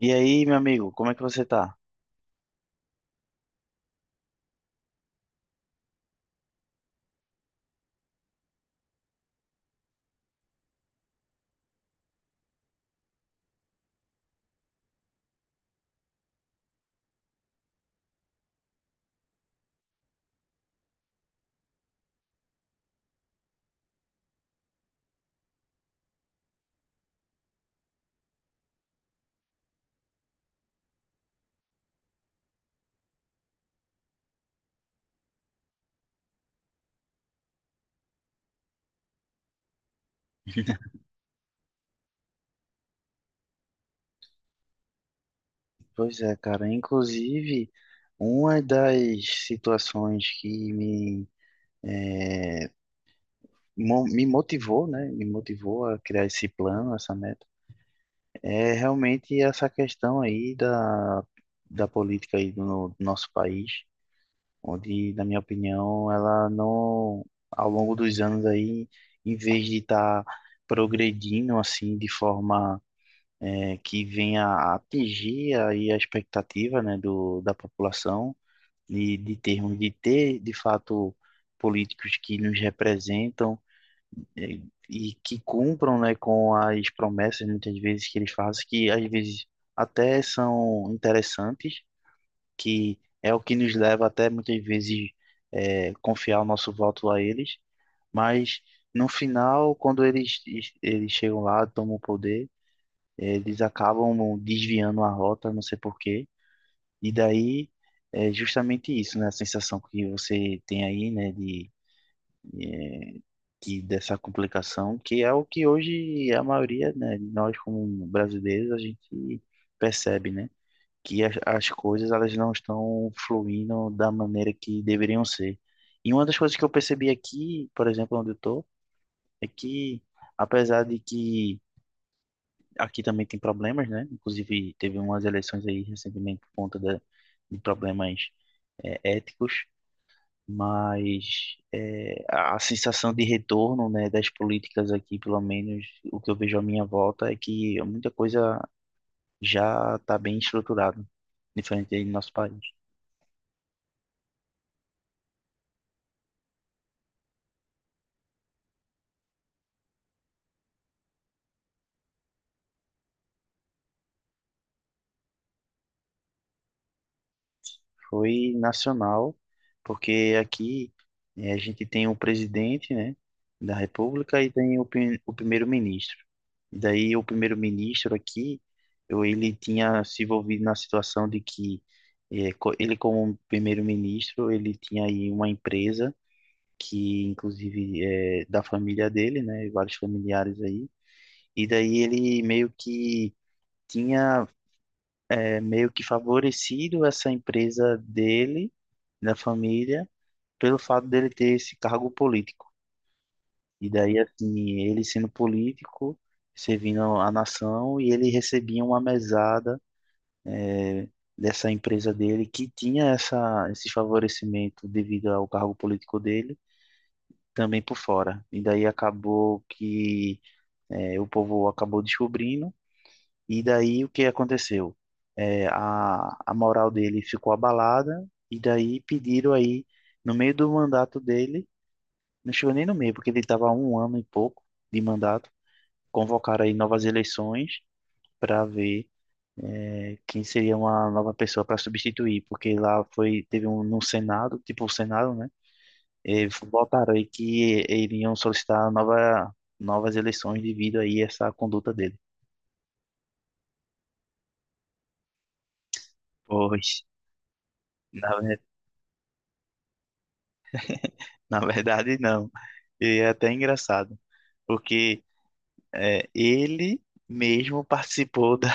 E aí, meu amigo, como é que você tá? Pois é, cara. Inclusive, uma das situações que me motivou, né? Me motivou a criar esse plano, essa meta, é realmente essa questão aí da política aí do nosso país, onde, na minha opinião, ela não, ao longo dos anos aí, em vez de estar progredindo assim de forma que venha a atingir aí a expectativa, né, da população e de ter, de fato, políticos que nos representam é, e que cumpram, né, com as promessas, muitas vezes, que eles fazem, que às vezes até são interessantes, que é o que nos leva até, muitas vezes, confiar o nosso voto a eles, mas no final, eles chegam lá, tomam o poder, eles acabam desviando a rota, não sei por quê. E daí é justamente isso, né? A sensação que você tem aí, né? De Dessa complicação, que é o que hoje a maioria, né, de nós como brasileiros a gente percebe, né? Que as coisas, elas não estão fluindo da maneira que deveriam ser. E uma das coisas que eu percebi aqui, por exemplo, onde eu tô, é que apesar de que aqui também tem problemas, né? Inclusive, teve umas eleições aí recentemente por conta de problemas éticos, mas é, a sensação de retorno, né, das políticas aqui, pelo menos o que eu vejo à minha volta, é que muita coisa já está bem estruturada, diferente aí do nosso país. Foi nacional, porque aqui a gente tem o presidente, né, da República, e tem o primeiro-ministro. E daí o primeiro-ministro aqui, ele tinha se envolvido na situação de que ele, como primeiro-ministro, ele tinha aí uma empresa que inclusive é da família dele, né, vários familiares aí. E daí ele meio que tinha meio que favorecido essa empresa dele, da família, pelo fato dele ter esse cargo político. E daí, assim, ele sendo político, servindo a nação, e ele recebia uma mesada é, dessa empresa dele que tinha esse favorecimento devido ao cargo político dele, também por fora. E daí acabou que o povo acabou descobrindo. E daí, o que aconteceu? É, a moral dele ficou abalada, e daí pediram aí, no meio do mandato dele, não chegou nem no meio, porque ele estava há um ano e pouco de mandato, convocaram aí novas eleições para ver quem seria uma nova pessoa para substituir, porque lá foi, teve um no Senado, tipo o Senado, né? E votaram aí que iriam solicitar novas eleições devido aí a essa conduta dele. Pois. Na Na verdade, não. E é até engraçado, porque ele mesmo participou da,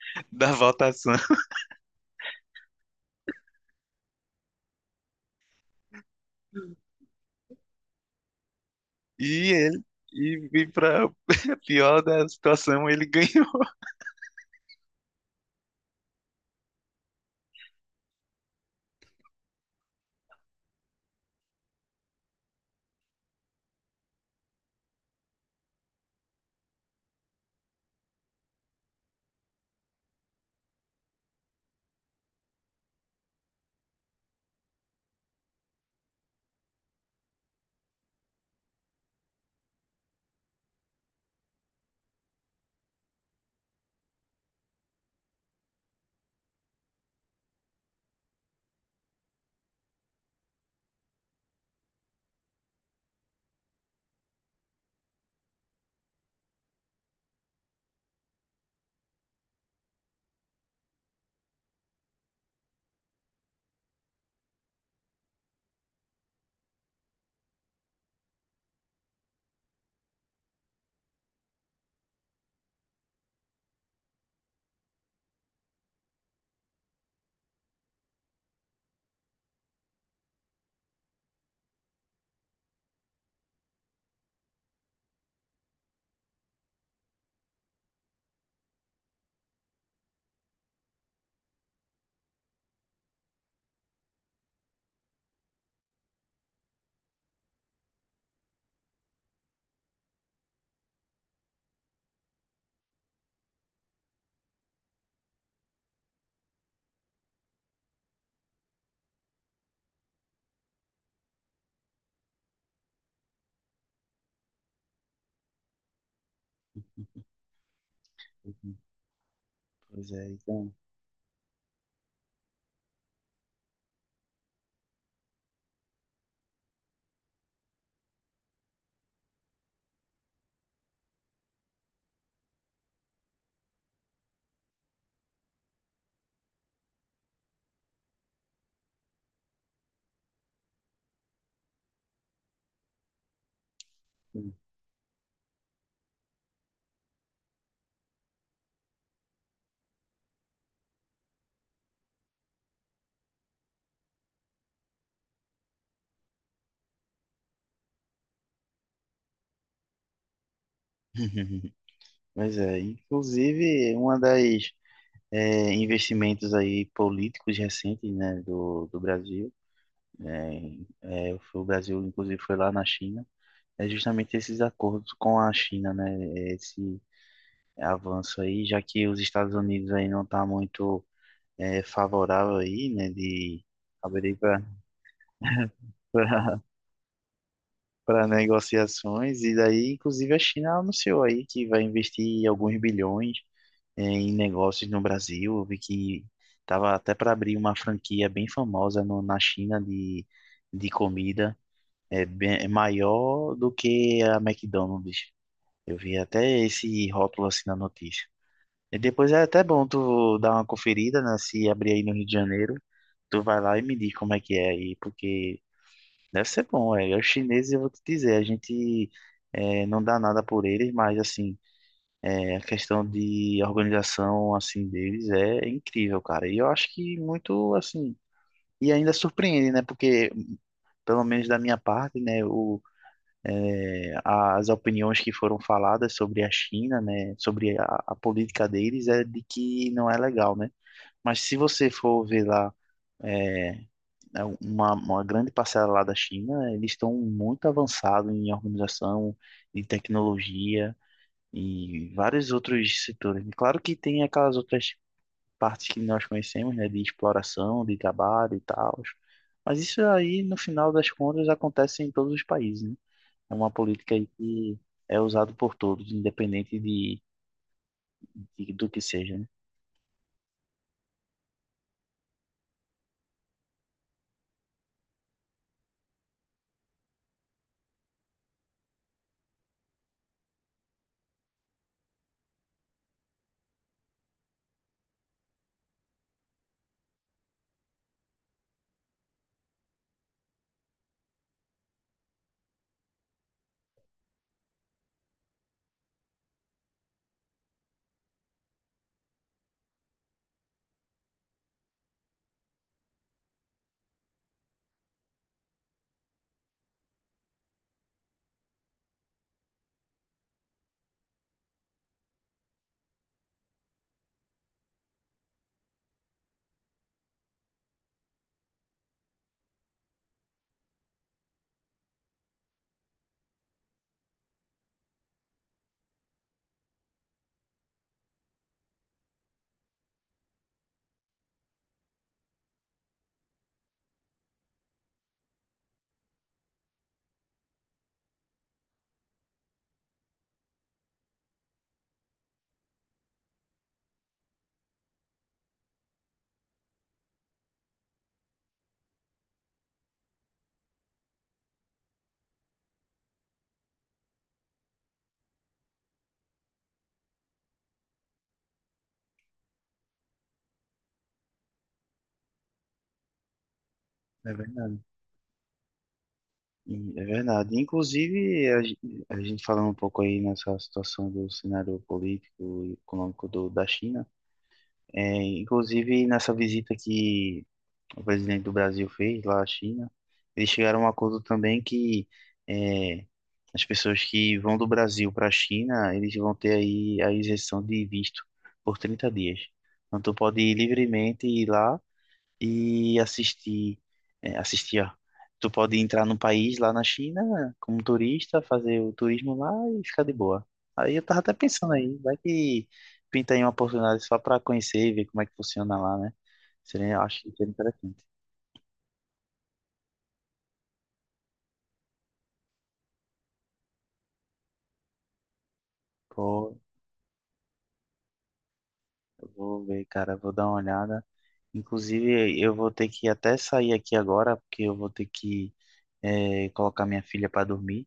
da votação. E para pior da situação, ele ganhou. Uhum. Pois é, então. Sim. Pois é, inclusive uma das investimentos aí políticos recentes, né, do Brasil, né, é, foi, o Brasil inclusive foi lá na China, é justamente esses acordos com a China, né, esse avanço aí, já que os Estados Unidos aí não tá muito favorável aí, né, de abrir para para negociações. E daí, inclusive, a China anunciou aí que vai investir alguns bilhões em negócios no Brasil. Eu vi que tava até para abrir uma franquia bem famosa na China de comida, é bem, é maior do que a McDonald's. Eu vi até esse rótulo assim na notícia. E depois é até bom tu dar uma conferida, né? Se abrir aí no Rio de Janeiro, tu vai lá e me diz como é que é aí, porque deve ser bom, é. Os chineses, eu vou te dizer, a gente não dá nada por eles, mas assim, é, a questão de organização assim deles é incrível, cara. E eu acho que muito assim. E ainda surpreende, né? Porque, pelo menos da minha parte, né, as opiniões que foram faladas sobre a China, né, sobre a política deles, é de que não é legal, né? Mas se você for ver lá, é, é uma grande parcela lá da China, eles estão muito avançados em organização, em tecnologia e vários outros setores. E claro que tem aquelas outras partes que nós conhecemos, né, de exploração, de trabalho e tal. Mas isso aí, no final das contas, acontece em todos os países, né? É uma política aí que é usada por todos, independente de, do que seja, né? É verdade. E é verdade. Inclusive, a gente falando um pouco aí nessa situação do cenário político e econômico da China, é, inclusive nessa visita que o presidente do Brasil fez lá à China, eles chegaram a um acordo também que é, as pessoas que vão do Brasil para a China, eles vão ter aí a isenção de visto por 30 dias. Então, tu pode ir livremente, ir lá e assisti, é, assisti, ó. Tu pode entrar no país lá na China como turista, fazer o turismo lá e ficar de boa. Aí eu tava até pensando aí, vai que pinta aí uma oportunidade só pra conhecer e ver como é que funciona lá, né? Seria, eu acho que seria interessante. Pô, eu vou ver, cara, eu vou dar uma olhada. Inclusive, eu vou ter que até sair aqui agora, porque eu vou ter que colocar minha filha para dormir.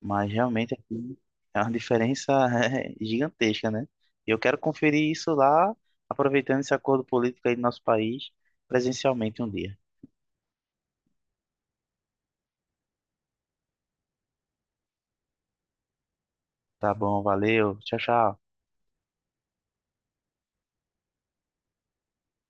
Mas realmente aqui é uma diferença é, gigantesca, né? E eu quero conferir isso lá, aproveitando esse acordo político aí do nosso país, presencialmente um dia. Tá bom, valeu, tchau, tchau.